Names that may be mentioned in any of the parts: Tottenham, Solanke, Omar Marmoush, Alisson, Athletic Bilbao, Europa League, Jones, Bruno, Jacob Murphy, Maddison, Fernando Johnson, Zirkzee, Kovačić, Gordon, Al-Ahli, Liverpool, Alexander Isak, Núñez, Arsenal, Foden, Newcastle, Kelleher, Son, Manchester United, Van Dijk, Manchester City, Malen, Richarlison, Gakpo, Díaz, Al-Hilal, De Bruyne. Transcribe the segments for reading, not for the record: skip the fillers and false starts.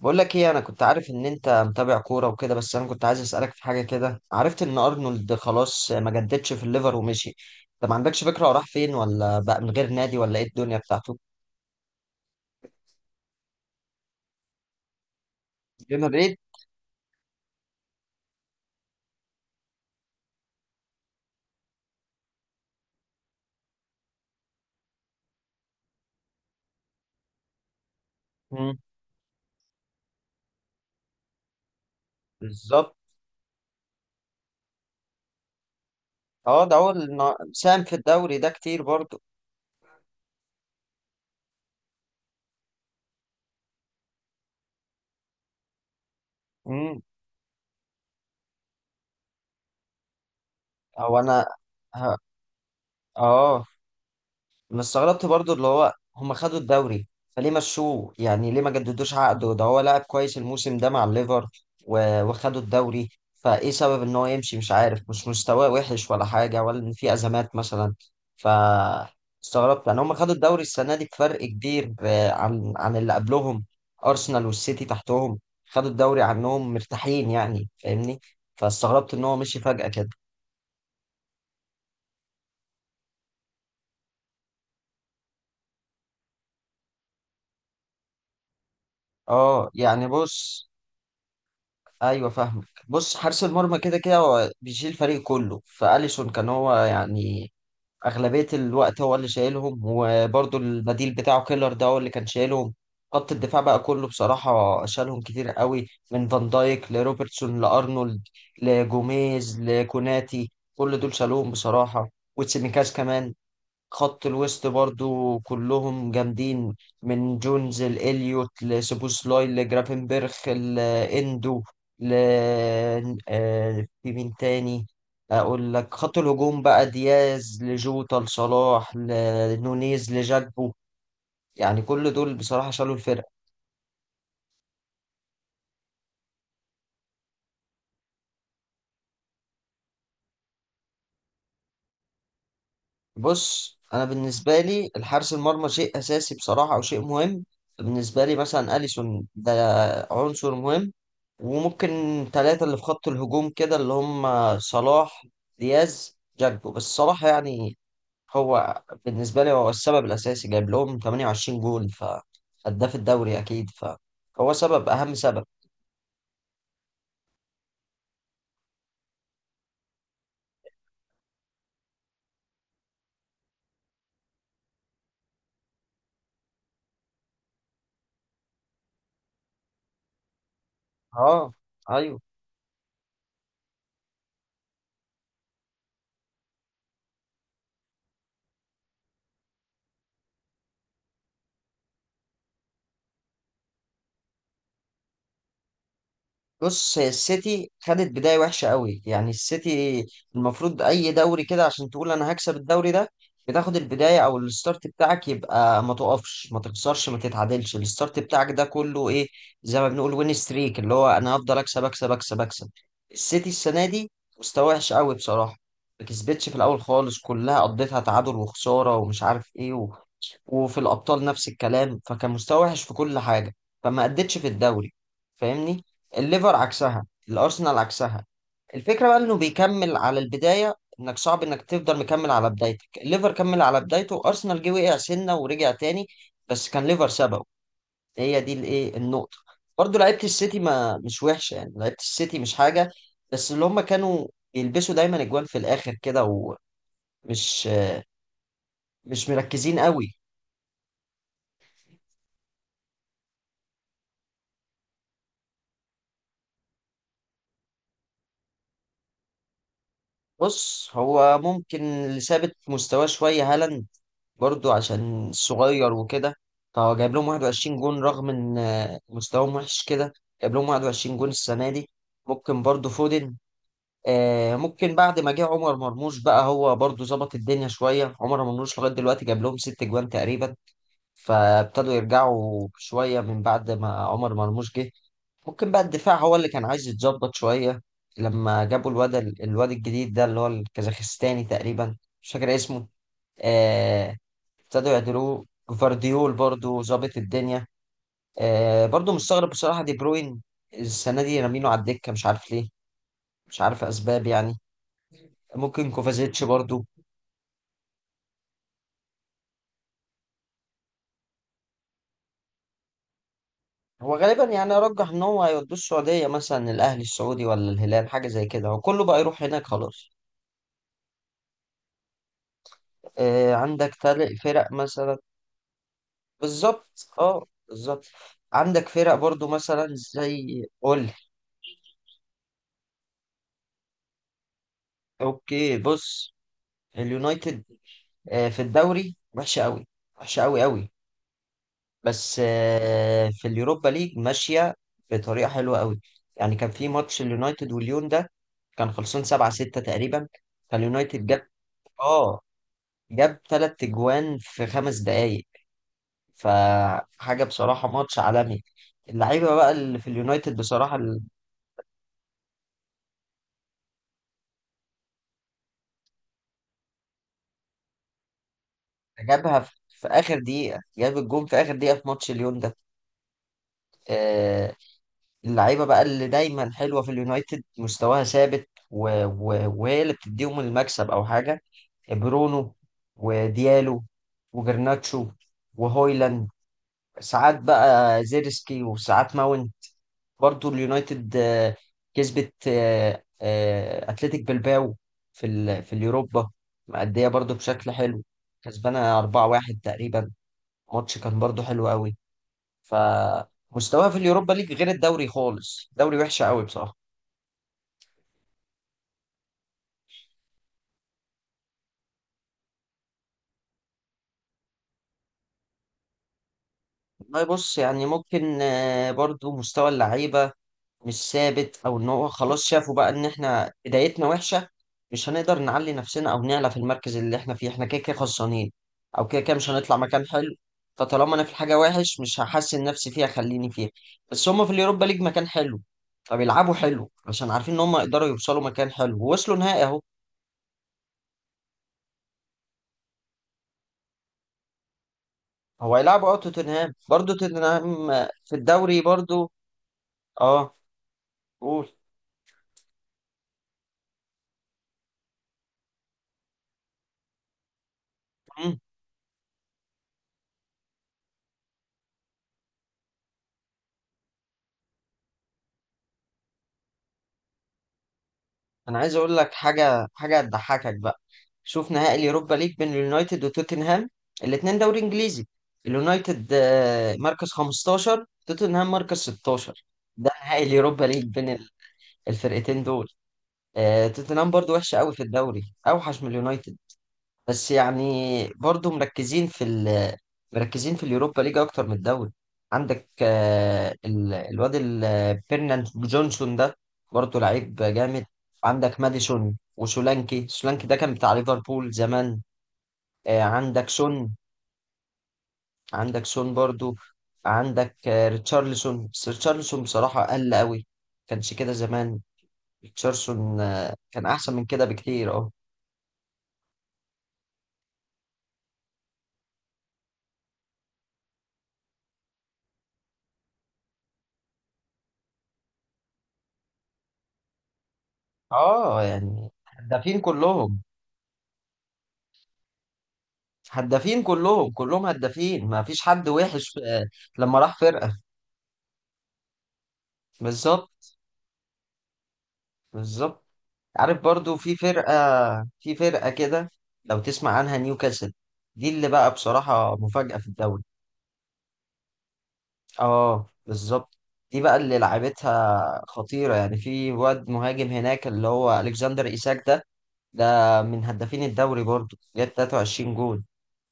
بقول لك ايه، انا كنت عارف ان انت متابع كوره وكده، بس انا كنت عايز اسالك في حاجه كده. عرفت ان ارنولد خلاص ما جددش في الليفر ومشي. انت ما عندكش فكره هو راح فين، ولا بقى من غير نادي، ولا ايه الدنيا بتاعته؟ ريال مدريد؟ مم. بالظبط. اه، ده هو اللي ساهم في الدوري ده كتير برضه. امم او انا ه- اه انا استغربت برضو اللي هو هم خدوا الدوري. فليه مشوه؟ يعني ليه ما جددوش عقده؟ ده هو لاعب كويس الموسم ده مع الليفر وخدوا الدوري. فايه سبب ان هو يمشي؟ مش عارف، مش مستواه وحش ولا حاجه، ولا ان في ازمات مثلا. ف استغربت، يعني هم خدوا الدوري السنه دي بفرق كبير، عن اللي قبلهم. ارسنال والسيتي تحتهم، خدوا الدوري عنهم مرتاحين، يعني فاهمني. فاستغربت ان هو مشي فجاه كده. اه، يعني، بص، ايوه فاهمك. بص، حارس المرمى كده كده هو بيشيل الفريق كله، فاليسون كان هو يعني اغلبيه الوقت هو اللي شايلهم، وبرده البديل بتاعه كيلر ده هو اللي كان شايلهم. خط الدفاع بقى كله بصراحه شالهم كتير قوي، من فان دايك لروبرتسون لارنولد لجوميز لكوناتي، كل دول شالوهم بصراحه، وتسيميكاس كمان. خط الوسط برضو كلهم جامدين، من جونز لإليوت لسوبوسلاي لجرافنبرخ لإندو ل آه، في مين تاني؟ أقول لك، خط الهجوم بقى دياز لجوتا لصلاح لنونيز لجاكبو، يعني كل دول بصراحة شالوا الفرقة. بص، انا بالنسبه لي الحارس المرمى شيء اساسي بصراحه، او شيء مهم. بالنسبه لي مثلا اليسون ده عنصر مهم. وممكن ثلاثه اللي في خط الهجوم كده، اللي هم صلاح، دياز، جاكبو، بس صلاح يعني هو بالنسبه لي هو السبب الاساسي، جايب لهم 28 جول، فهداف الدوري اكيد، فهو سبب، اهم سبب. اه، ايوه، بص، هي السيتي خدت بداية وحشة قوي. يعني السيتي المفروض أي دوري كده عشان تقول أنا هكسب الدوري ده، بتاخد البداية أو الستارت بتاعك يبقى ما تقفش ما تخسرش ما تتعادلش، الستارت بتاعك ده كله إيه، زي ما بنقول وين ستريك، اللي هو أنا هفضل أكسب أكسب أكسب أكسب. السيتي السنة دي مستوى وحش قوي بصراحة، ما كسبتش في الأول خالص، كلها قضيتها تعادل وخسارة ومش عارف إيه، وفي الأبطال نفس الكلام، فكان مستوى وحش في كل حاجة، فما أدتش في الدوري. فاهمني، الليفر عكسها، الأرسنال عكسها. الفكرة بقى إنه بيكمل على البداية، إنك صعب إنك تفضل مكمل على بدايتك. الليفر كمل على بدايته، أرسنال جه وقع سنة ورجع تاني، بس كان ليفر سببه. هي دي الإيه النقطة. برضه لعيبة السيتي ما مش وحشة، يعني لعيبة السيتي مش حاجة، بس اللي هم كانوا يلبسوا دايما أجوان في الآخر كده، ومش مش مركزين قوي. بص، هو ممكن اللي ثابت مستواه شوية هالاند، برضو عشان صغير وكده، فهو جايب لهم 21 جون رغم ان مستواهم وحش كده، جايب لهم 21 جون السنة دي. ممكن برضو فودن. ممكن بعد ما جه عمر مرموش بقى هو برضو ظبط الدنيا شوية. عمر مرموش لغاية دلوقتي جاب لهم 6 جوان تقريبا، فابتدوا يرجعوا شوية من بعد ما عمر مرموش جه. ممكن بقى الدفاع هو اللي كان عايز يتظبط شوية، لما جابوا الواد الجديد ده اللي هو الكازاخستاني تقريبا، مش فاكر اسمه. آه، ابتدوا يعدلوه، جفارديول برضو ظابط الدنيا. برضو مستغرب بصراحة دي بروين، السنة دي رامينه على الدكة مش عارف ليه، مش عارف أسباب يعني. ممكن كوفازيتش برضو. هو غالبا يعني أرجح إن هو هيودوه السعودية، مثلا الأهلي السعودي ولا الهلال حاجة زي كده، هو كله بقى يروح هناك خلاص. عندك تلات فرق مثلا. بالظبط، اه بالظبط. عندك فرق برضو مثلا زي قول لي. اوكي، بص، اليونايتد في الدوري وحشه قوي، وحشه قوي قوي، بس في اليوروبا ليج ماشيه بطريقه حلوه قوي. يعني كان في ماتش اليونايتد والليون ده، كان خلصان 7 6 تقريبا، فاليونايتد اه جاب 3 اجوان في 5 دقائق. فحاجه بصراحه ماتش عالمي. اللعيبه بقى اللي في اليونايتد بصراحه، جابها في اخر دقيقه، جاب الجون في اخر دقيقه في ماتش ليون ده. آه اللعيبه بقى اللي دايما حلوه في اليونايتد مستواها ثابت، و... و... وهي اللي بتديهم المكسب او حاجه: برونو، وديالو، وجرناتشو، وهويلاند، ساعات بقى زيرسكي، وساعات ماون. برضو اليونايتد كسبت اتلتيك بلباو في اليوروبا، مأدية برضو بشكل حلو، كسبانة 4-1 تقريبا، ماتش كان برضو حلو قوي، فمستواه في اليوروبا ليج غير الدوري خالص، دوري وحش قوي بصراحة. والله، بص، يعني ممكن برضو مستوى اللعيبة مش ثابت، او ان هو خلاص شافوا بقى ان احنا بدايتنا وحشة، مش هنقدر نعلي نفسنا او نعلى في المركز اللي احنا فيه، احنا كده كده خسرانين، او كده كده مش هنطلع مكان حلو، فطالما انا في حاجة وحش مش هحسن نفسي فيها خليني فيها. بس هما في اليوروبا ليج مكان حلو، فبيلعبوا حلو عشان عارفين ان هم يقدروا يوصلوا مكان حلو، ووصلوا نهائي اهو. هو هيلعبوا توتنهام، برضه توتنهام في الدوري برضه. اه، قول. مم. انا عايز اقول لك حاجه، حاجه هتضحكك بقى. شوف نهائي اليوروبا ليج بين اليونايتد وتوتنهام، الاثنين دوري انجليزي. اليونايتد مركز 15، توتنهام مركز 16، ده نهائي اليوروبا ليج بين الفرقتين دول. توتنهام برضه وحشه قوي في الدوري، اوحش من اليونايتد، بس يعني برضو مركزين في ال مركزين في اليوروبا ليج اكتر من الدوري. عندك الواد فيرناند جونسون ده، برضو لعيب جامد. عندك ماديسون وسولانكي، سولانكي ده كان بتاع ليفربول زمان. عندك سون، عندك سون برضو. عندك ريتشارلسون، بس ريتشارلسون بصراحة قل قوي، كانش كده زمان. ريتشارلسون كان احسن من كده بكتير. اه، اه يعني هدافين كلهم. هدافين كلهم، كلهم هدافين، ما فيش حد وحش لما راح فرقة. بالظبط، بالظبط. عارف برضو في فرقة كده لو تسمع عنها: نيوكاسل. دي اللي بقى بصراحة مفاجأة في الدوري. اه، بالظبط. دي بقى اللي لعبتها خطيرة، يعني في واد مهاجم هناك اللي هو ألكسندر إيساك ده، ده من هدافين الدوري برضو، جاب 23 جول.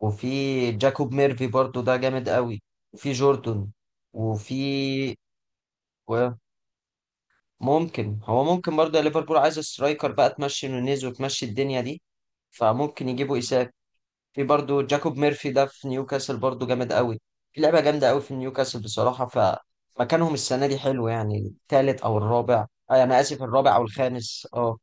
وفي جاكوب ميرفي برضو ده جامد قوي، وفي جوردون، وفي ممكن هو، ممكن برضه ليفربول عايز سترايكر بقى، تمشي نونيز وتمشي الدنيا دي، فممكن يجيبوا إيساك. في برضه جاكوب ميرفي ده في نيوكاسل برضه جامد قوي. في لعبة جامدة قوي في نيوكاسل بصراحة، فمكانهم السنة دي حلو، يعني التالت أو الرابع، أنا آسف، الرابع أو الخامس. أه،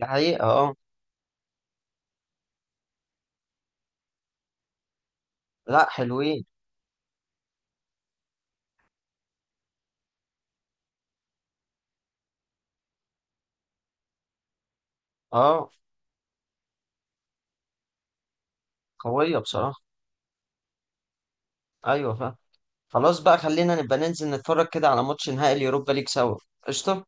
دي حقيقة. أه، لا حلوين. أه، قوية بصراحة. أيوة فاهم. خلاص بقى، خلينا نبقى ننزل نتفرج كده على ماتش نهائي اليوروبا ليج سوا. قشطة.